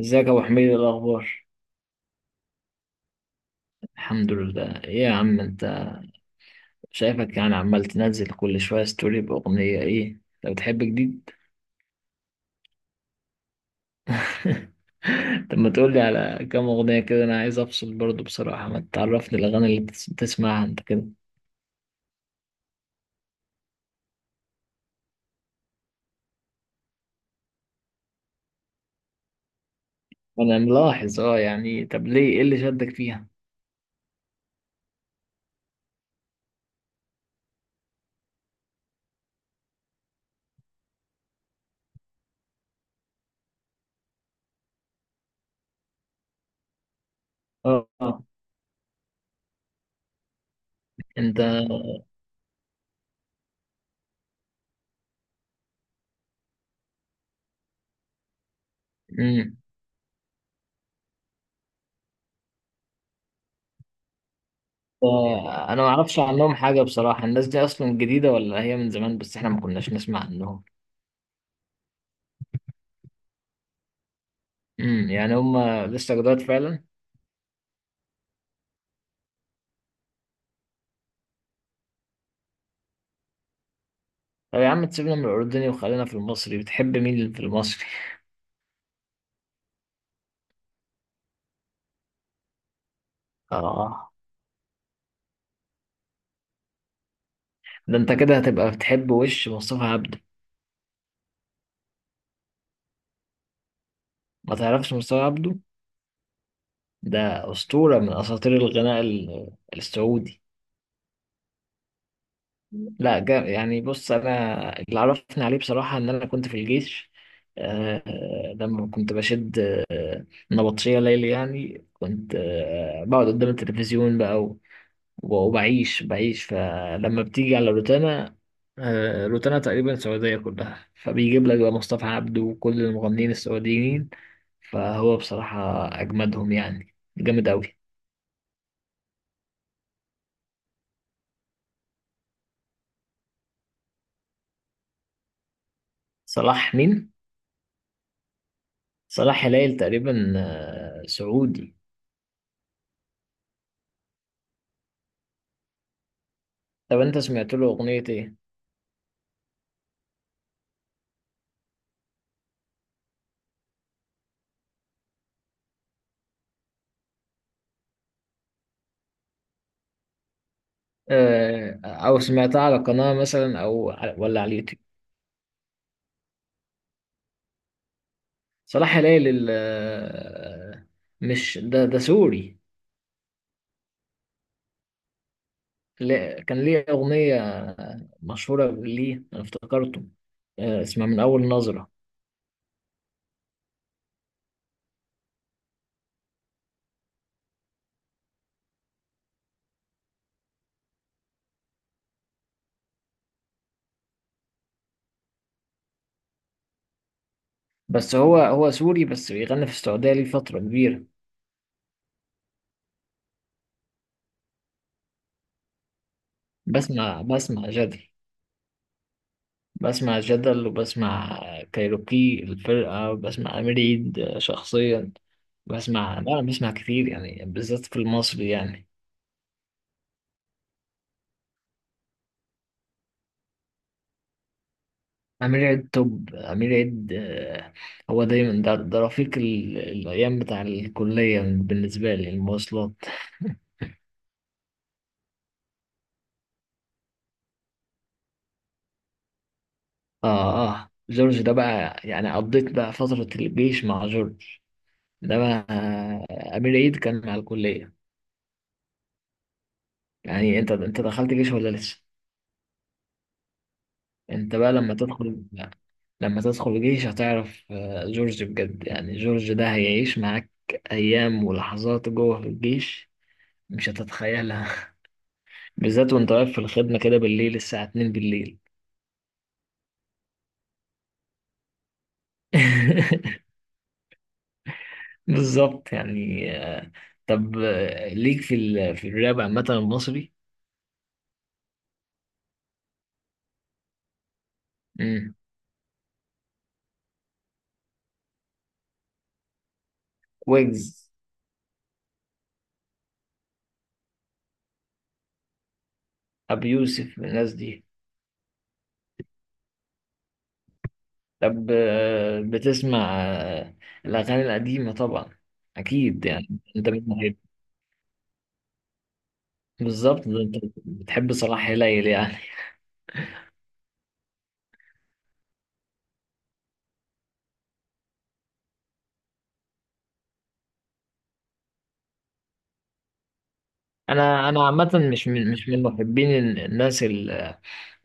ازيك يا ابو حميد، إيه الاخبار؟ الحمد لله، ايه يا عم انت؟ شايفك يعني عمال تنزل كل شويه ستوري باغنيه، ايه لو بتحب جديد؟ طب ما تقول لي على كام اغنيه كده، انا عايز افصل برضو بصراحه، ما تعرفني الاغاني اللي بتسمعها انت كده. انا ملاحظ، يعني، طب ليه؟ ايه اللي شدك فيها؟ اه، آه. انت. امم. انا ما اعرفش عنهم حاجه بصراحه، الناس دي اصلا جديده ولا هي من زمان بس احنا ما كناش نسمع عنهم؟ يعني هم لسه جداد فعلا. طب يا عم، تسيبنا من الأردني وخلينا في المصري، بتحب مين في المصري؟ آه، ده أنت كده هتبقى بتحب وش مصطفى عبده. ما تعرفش مصطفى عبده؟ ده أسطورة من أساطير الغناء السعودي. لا، جا يعني، بص، أنا اللي عرفني عليه بصراحة إن أنا كنت في الجيش. آه، لما كنت بشد نبطشية ليلي، يعني كنت بقعد قدام التلفزيون بقى، وبعيش فلما بتيجي على روتانا. روتانا تقريبا السعودية كلها، فبيجيب لك بقى مصطفى عبده وكل المغنيين السعوديين. فهو بصراحة أجمدهم، يعني جامد أوي. صلاح مين؟ صلاح هلال تقريبا، سعودي. طب أنت سمعت له أغنية إيه؟ آه، أو سمعتها على قناة مثلا، ولا على اليوتيوب؟ صلاح هلال مش ده سوري. كان ليه أغنية مشهورة، ليه أنا افتكرته. اسمها من أول نظرة. بس هو سوري بس بيغني في السعودية ليه فترة كبيرة. بسمع جدل. بسمع جدل، وبسمع كايروكي الفرقة، وبسمع أمير عيد شخصيا. لا، أنا بسمع كتير يعني، بالذات في المصري يعني. أمير عيد توب، أمير عيد. هو دايما ده رفيق الأيام بتاع الكلية بالنسبة لي، المواصلات. اه، اه، جورج ده بقى، يعني قضيت بقى فترة الجيش مع جورج. ده بقى، أمير عيد كان مع الكلية. يعني أنت دخلت جيش ولا لسه؟ أنت بقى لما تدخل لما تدخل جيش هتعرف، جورج بجد. يعني جورج ده هيعيش معاك أيام ولحظات جوه في الجيش مش هتتخيلها. بالذات وأنت واقف في الخدمة كده بالليل، الساعة 2 بالليل. بالظبط يعني. طب، ليك في في الراب عامة المصري؟ ويجز؟ أبي يوسف من الناس دي؟ طب، بتسمع الأغاني القديمة طبعا، أكيد يعني أنت بتحب. بالظبط، ده أنت بتحب صلاح هلال يعني. أنا عامة، مش من محبين الناس ال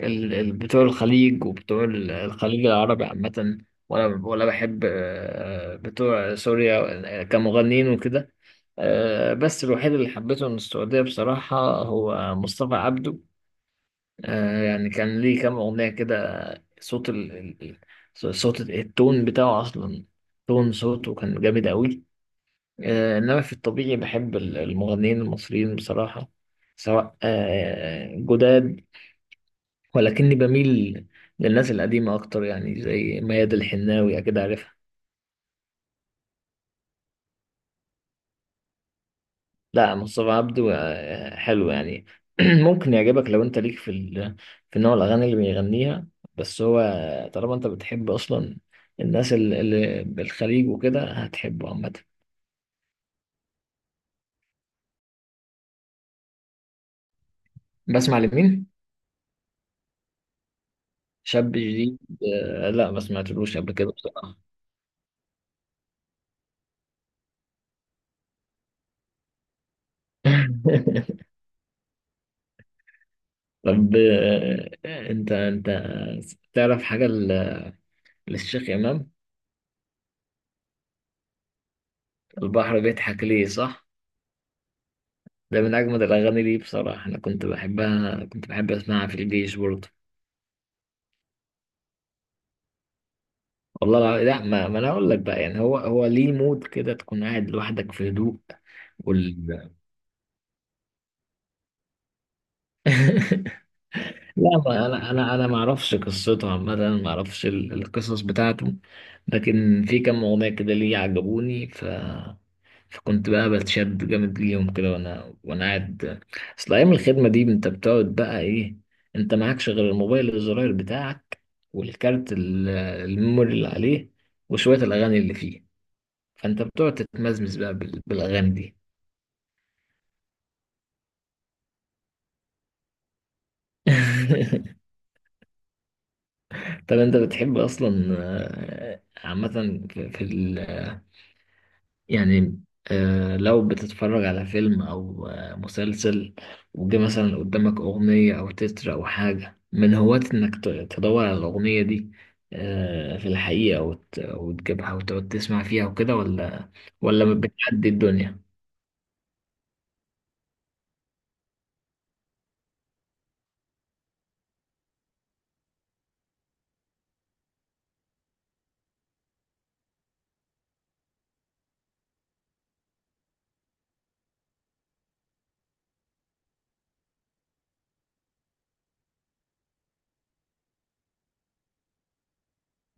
ال ال- بتوع الخليج، وبتوع الخليج العربي عامة. ولا بحب بتوع سوريا، آه، كمغنيين وكده. آه، بس الوحيد اللي حبيته من السعودية بصراحة هو مصطفى عبده. يعني كان ليه كام أغنية كده، صوت صوت التون بتاعه أصلا، تون صوته كان جامد أوي. إنما في الطبيعي بحب المغنيين المصريين بصراحة، سواء جداد، ولكني بميل للناس القديمة أكتر، يعني زي ميادة الحناوي، أكيد عارفها. لا، مصطفى عبده حلو يعني. ممكن يعجبك لو انت ليك في في نوع الاغاني اللي بيغنيها. بس هو طالما انت بتحب اصلا الناس اللي بالخليج وكده، هتحبه عامه. بسمع لمين؟ شاب جديد؟ آه، لا، ما سمعتلوش قبل كده بصراحه. طب، انت تعرف حاجه للشيخ امام؟ البحر بيضحك ليه، صح؟ ده من اجمد الاغاني ليه بصراحه، انا كنت بحبها، كنت بحب اسمعها في الجيش برضه. والله لا، ما انا اقول لك بقى، يعني هو ليه مود كده تكون قاعد لوحدك في هدوء وال... لا، ما انا ما اعرفش قصته عامه، ما اعرفش القصص بتاعته. لكن في كم اغنيه كده ليه عجبوني، فكنت بقى بتشد جامد ليهم كده، وانا قاعد. اصل ايام الخدمه دي، انت بتقعد بقى ايه؟ انت معكش غير الموبايل الزراير بتاعك، والكارت الميموري اللي عليه، وشويه الاغاني اللي فيه. فانت بتقعد تتمزمز بقى بالاغاني دي. طب انت بتحب اصلا، عامه، في في ال آه، يعني، لو بتتفرج على فيلم او مسلسل، وجه مثلا قدامك اغنيه او تتر او حاجه، من هواة انك تدور على الاغنيه دي، في الحقيقه، وتجيبها وتقعد تسمع فيها وكده، ولا ولا بتعدي الدنيا؟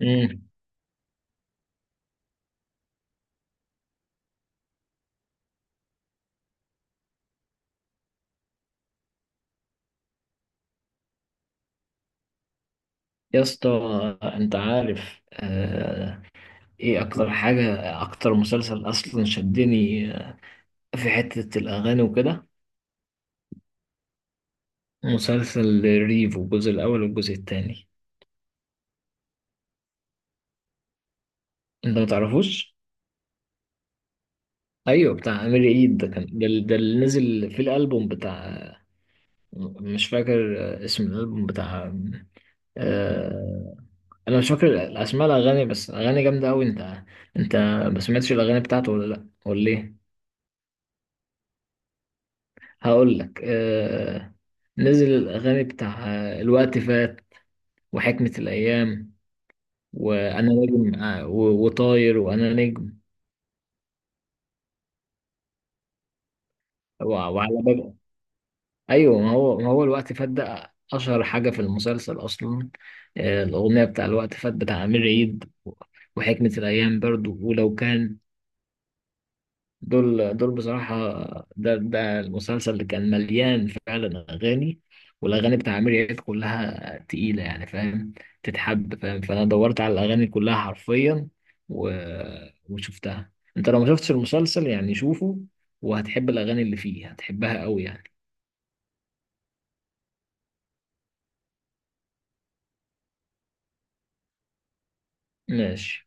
امم. يا اسطى، انت عارف ايه اكتر حاجة، اكتر مسلسل اصلا شدني في حتة الاغاني وكده؟ مسلسل ريفو، الجزء الاول والجزء التاني. انت ما تعرفوش؟ ايوه، بتاع امير عيد، ده كان ده اللي نزل في الالبوم بتاع، مش فاكر اسم الالبوم بتاع آه... انا مش فاكر اسماء الاغاني، بس اغاني جامدة قوي. انت، انت ما سمعتش الاغاني بتاعته، ولا، لا ولا ليه؟ هقول لك. نزل الاغاني بتاع الوقت فات، وحكمة الايام، وانا نجم، وطاير، وانا نجم، وعلى باب. ايوه، ما هو الوقت فات ده اشهر حاجه في المسلسل اصلا، الاغنيه بتاع الوقت فات بتاع امير عيد، وحكمه الايام برضو، ولو كان، دول بصراحة. ده المسلسل اللي كان مليان فعلا أغاني، والأغاني بتاع عمرو دياب كلها تقيلة، يعني فاهم، تتحب، فاهم؟ فأنا دورت على الأغاني كلها حرفيا و... وشفتها. أنت لو ما شفتش المسلسل، يعني شوفه، وهتحب الأغاني اللي فيه، هتحبها أوي يعني. ماشي.